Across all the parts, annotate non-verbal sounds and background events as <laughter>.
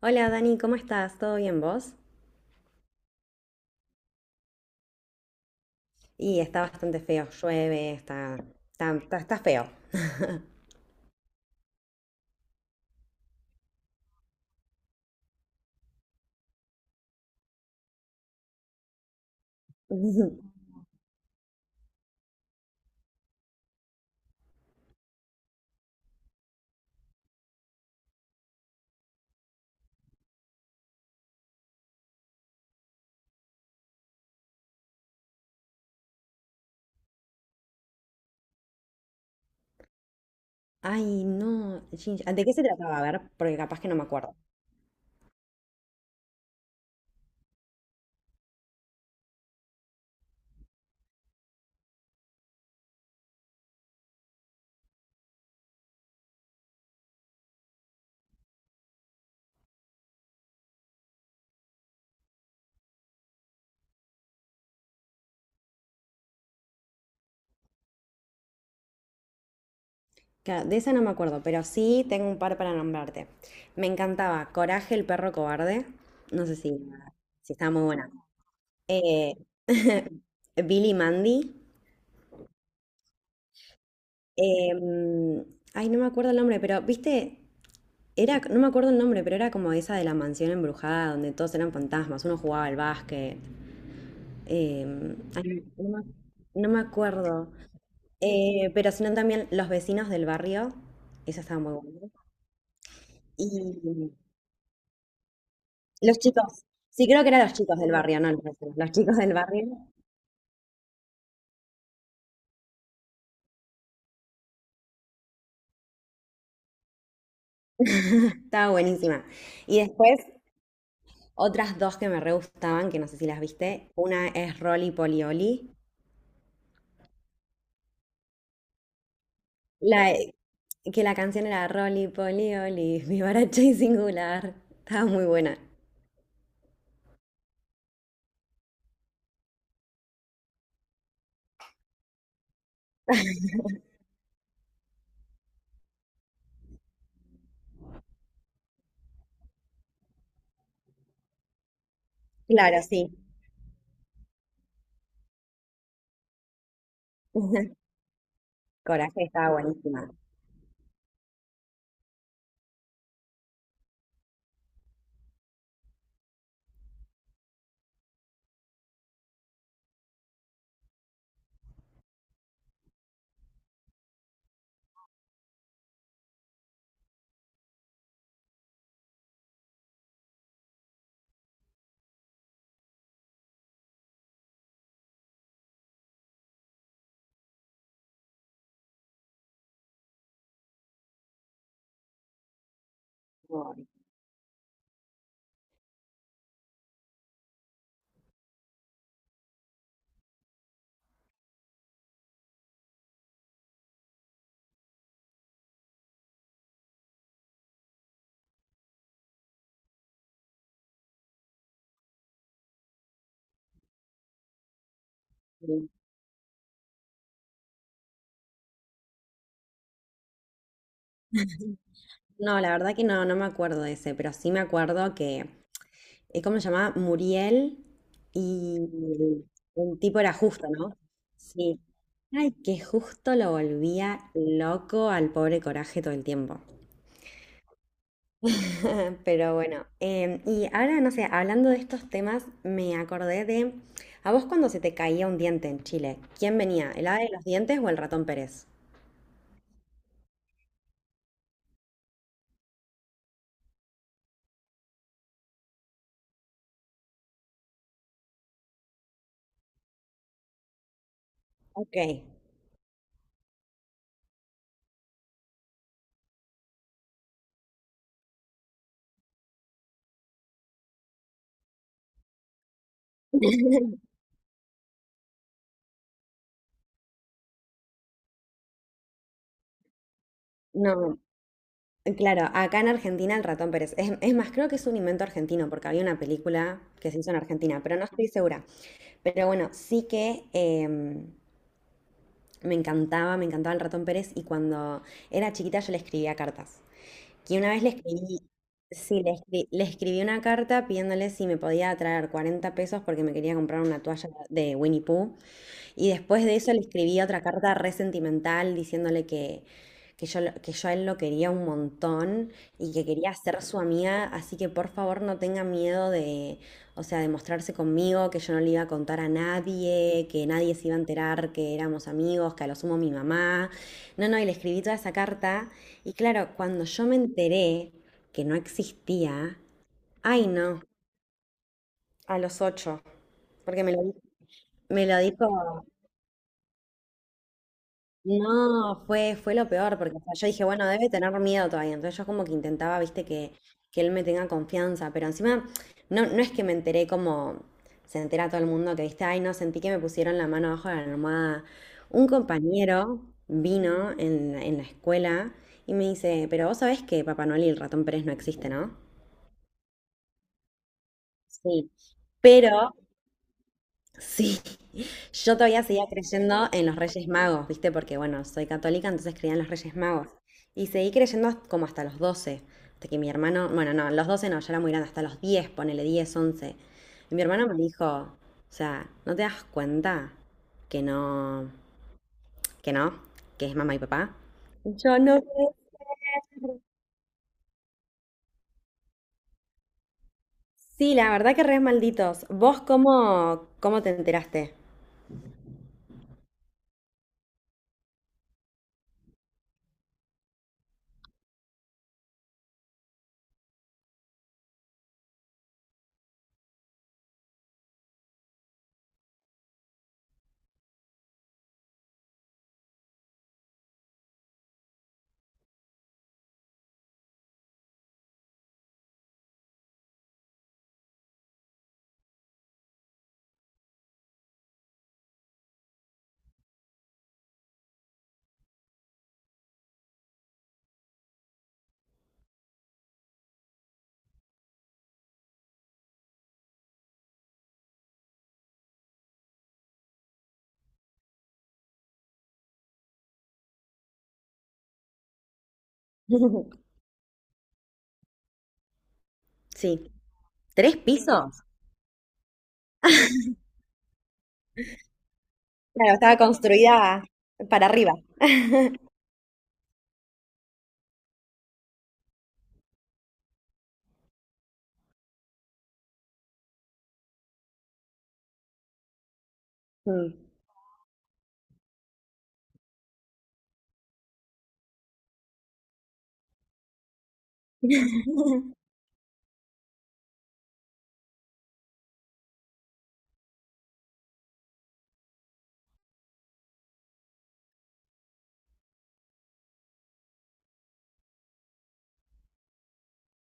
Hola Dani, ¿cómo estás? ¿Todo bien vos? Y está bastante feo, llueve, está feo. <laughs> Ay, no, Ginger, ¿de qué se trataba? A ver, porque capaz que no me acuerdo. Claro, de esa no me acuerdo, pero sí tengo un par para nombrarte. Me encantaba Coraje, el perro cobarde. No sé si estaba muy buena. Eh, <laughs> Billy Mandy. Em, Ay, no me acuerdo el nombre, pero ¿viste? No me acuerdo el nombre, pero era como esa de la mansión embrujada donde todos eran fantasmas, uno jugaba al básquet. Ay, sí. No me acuerdo. Pero sino también los vecinos del barrio, esa estaba muy buena. Y los chicos, sí, creo que eran los chicos del barrio, no los vecinos, los chicos del barrio. Estaba buenísima. Y después, otras dos que me re gustaban, que no sé si las viste. Una es Rolly Polioli. La, eh, que la canción era Rolly Polly Oli, <laughs> vivaracha y singular. Estaba muy buena. Claro, sí. <laughs> Coraje estaba buenísima. Ay, sí. No, la verdad que no, no me acuerdo de ese, pero sí me acuerdo que es como se llamaba Muriel y el tipo era justo, ¿no? Sí. Ay, que justo lo volvía loco al pobre Coraje todo el tiempo. <laughs> Pero bueno, y ahora, no sé, hablando de estos temas, me acordé de, a vos cuando se te caía un diente en Chile, ¿quién venía? ¿El ave de los dientes o el ratón Pérez? Ok, no, claro, acá en Argentina el ratón Pérez. Es más, creo que es un invento argentino, porque había una película que se hizo en Argentina, pero no estoy segura. Pero bueno, sí que me encantaba el ratón Pérez y cuando era chiquita yo le escribía cartas. Que una vez le escribí, sí, le escribí una carta pidiéndole si me podía traer 40 pesos porque me quería comprar una toalla de Winnie Pooh y después de eso le escribí otra carta re sentimental diciéndole que, yo, que yo a él lo quería un montón y que quería ser su amiga, así que por favor no tenga miedo de, o sea, de mostrarse conmigo, que yo no le iba a contar a nadie, que nadie se iba a enterar que éramos amigos, que a lo sumo mi mamá. No, no, y le escribí toda esa carta y claro, cuando yo me enteré que no existía, ay no, a los 8, porque me lo dijo... No, fue lo peor, porque o sea, yo dije, bueno, debe tener miedo todavía. Entonces yo como que intentaba, viste, que él me tenga confianza, pero encima no, no es que me enteré como se entera todo el mundo que, viste, ay, no, sentí que me pusieron la mano abajo de la almohada. Un compañero vino en la escuela y me dice, pero vos sabés que Papá Noel y el ratón Pérez no existe, ¿no? Sí. Pero sí, yo todavía seguía creyendo en los Reyes Magos, ¿viste? Porque, bueno, soy católica, entonces creía en los Reyes Magos. Y seguí creyendo como hasta los 12, hasta que mi hermano, bueno, no, los 12, no, ya era muy grande, hasta los 10, ponele 10, 11, y mi hermano me dijo, o sea, ¿no te das cuenta que no, que no, que es mamá y papá? Yo no puede ser. Sí, la verdad que re malditos. ¿Vos cómo te enteraste? <laughs> Sí, ¿tres pisos? Claro, estaba construida para arriba. Mm.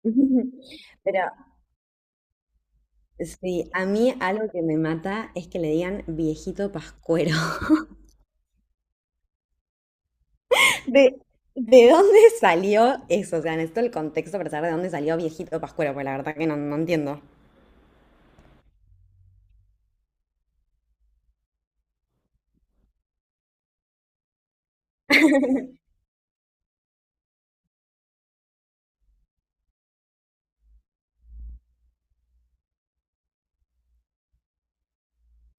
<laughs> Pero sí, a mí algo que me mata es que le digan viejito pascuero. <laughs> ¿De, de dónde salió eso? O sea, necesito el contexto para saber de dónde salió viejito pascuero, porque la verdad que no, no entiendo.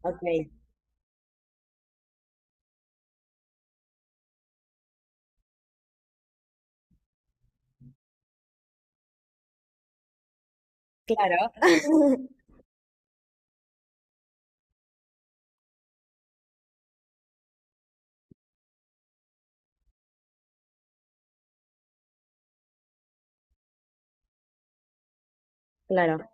Ok, claro. <laughs> Claro.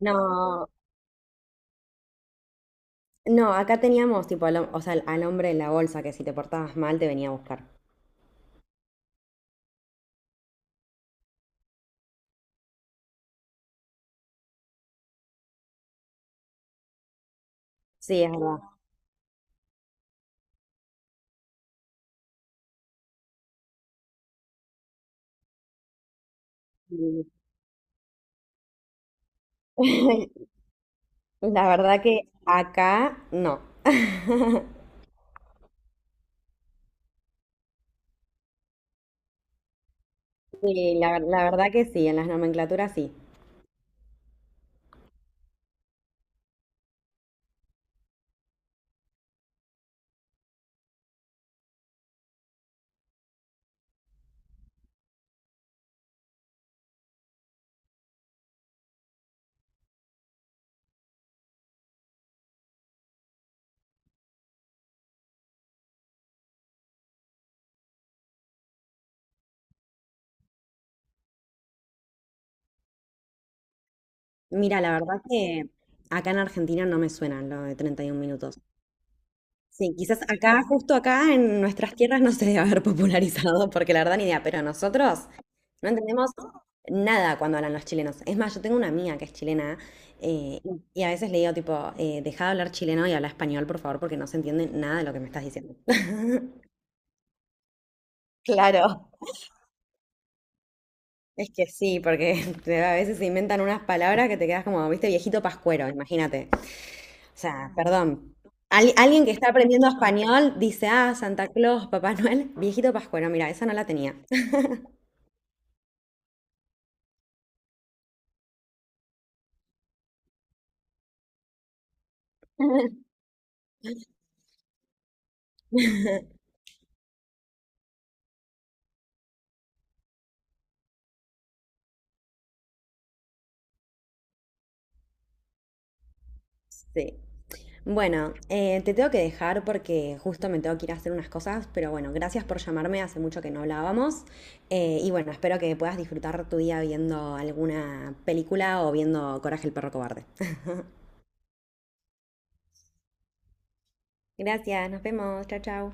No, no, acá teníamos tipo o sea, al hombre en la bolsa que si te portabas mal te venía a buscar. Sí, es verdad. Sí. <laughs> La verdad que acá no. <laughs> Sí, la verdad que sí, en las nomenclaturas sí. Mira, la verdad que acá en Argentina no me suena lo de 31 minutos. Sí, quizás acá, justo acá en nuestras tierras no se debe haber popularizado, porque la verdad ni idea, pero nosotros no entendemos nada cuando hablan los chilenos. Es más, yo tengo una amiga que es chilena y a veces le digo tipo, deja de hablar chileno y habla español, por favor, porque no se entiende nada de lo que me estás diciendo. <laughs> Claro. Es que sí, porque <laughs> a veces se inventan unas palabras que te quedas como, viste, viejito pascuero, imagínate. O sea, perdón. Alguien que está aprendiendo español dice, ah, Santa Claus, Papá Noel, viejito pascuero. Mira, esa no la tenía. <laughs> Sí. Bueno, te tengo que dejar porque justo me tengo que ir a hacer unas cosas, pero bueno, gracias por llamarme, hace mucho que no hablábamos. Y bueno, espero que puedas disfrutar tu día viendo alguna película o viendo Coraje el perro cobarde. <laughs> Gracias, nos vemos, chao, chao.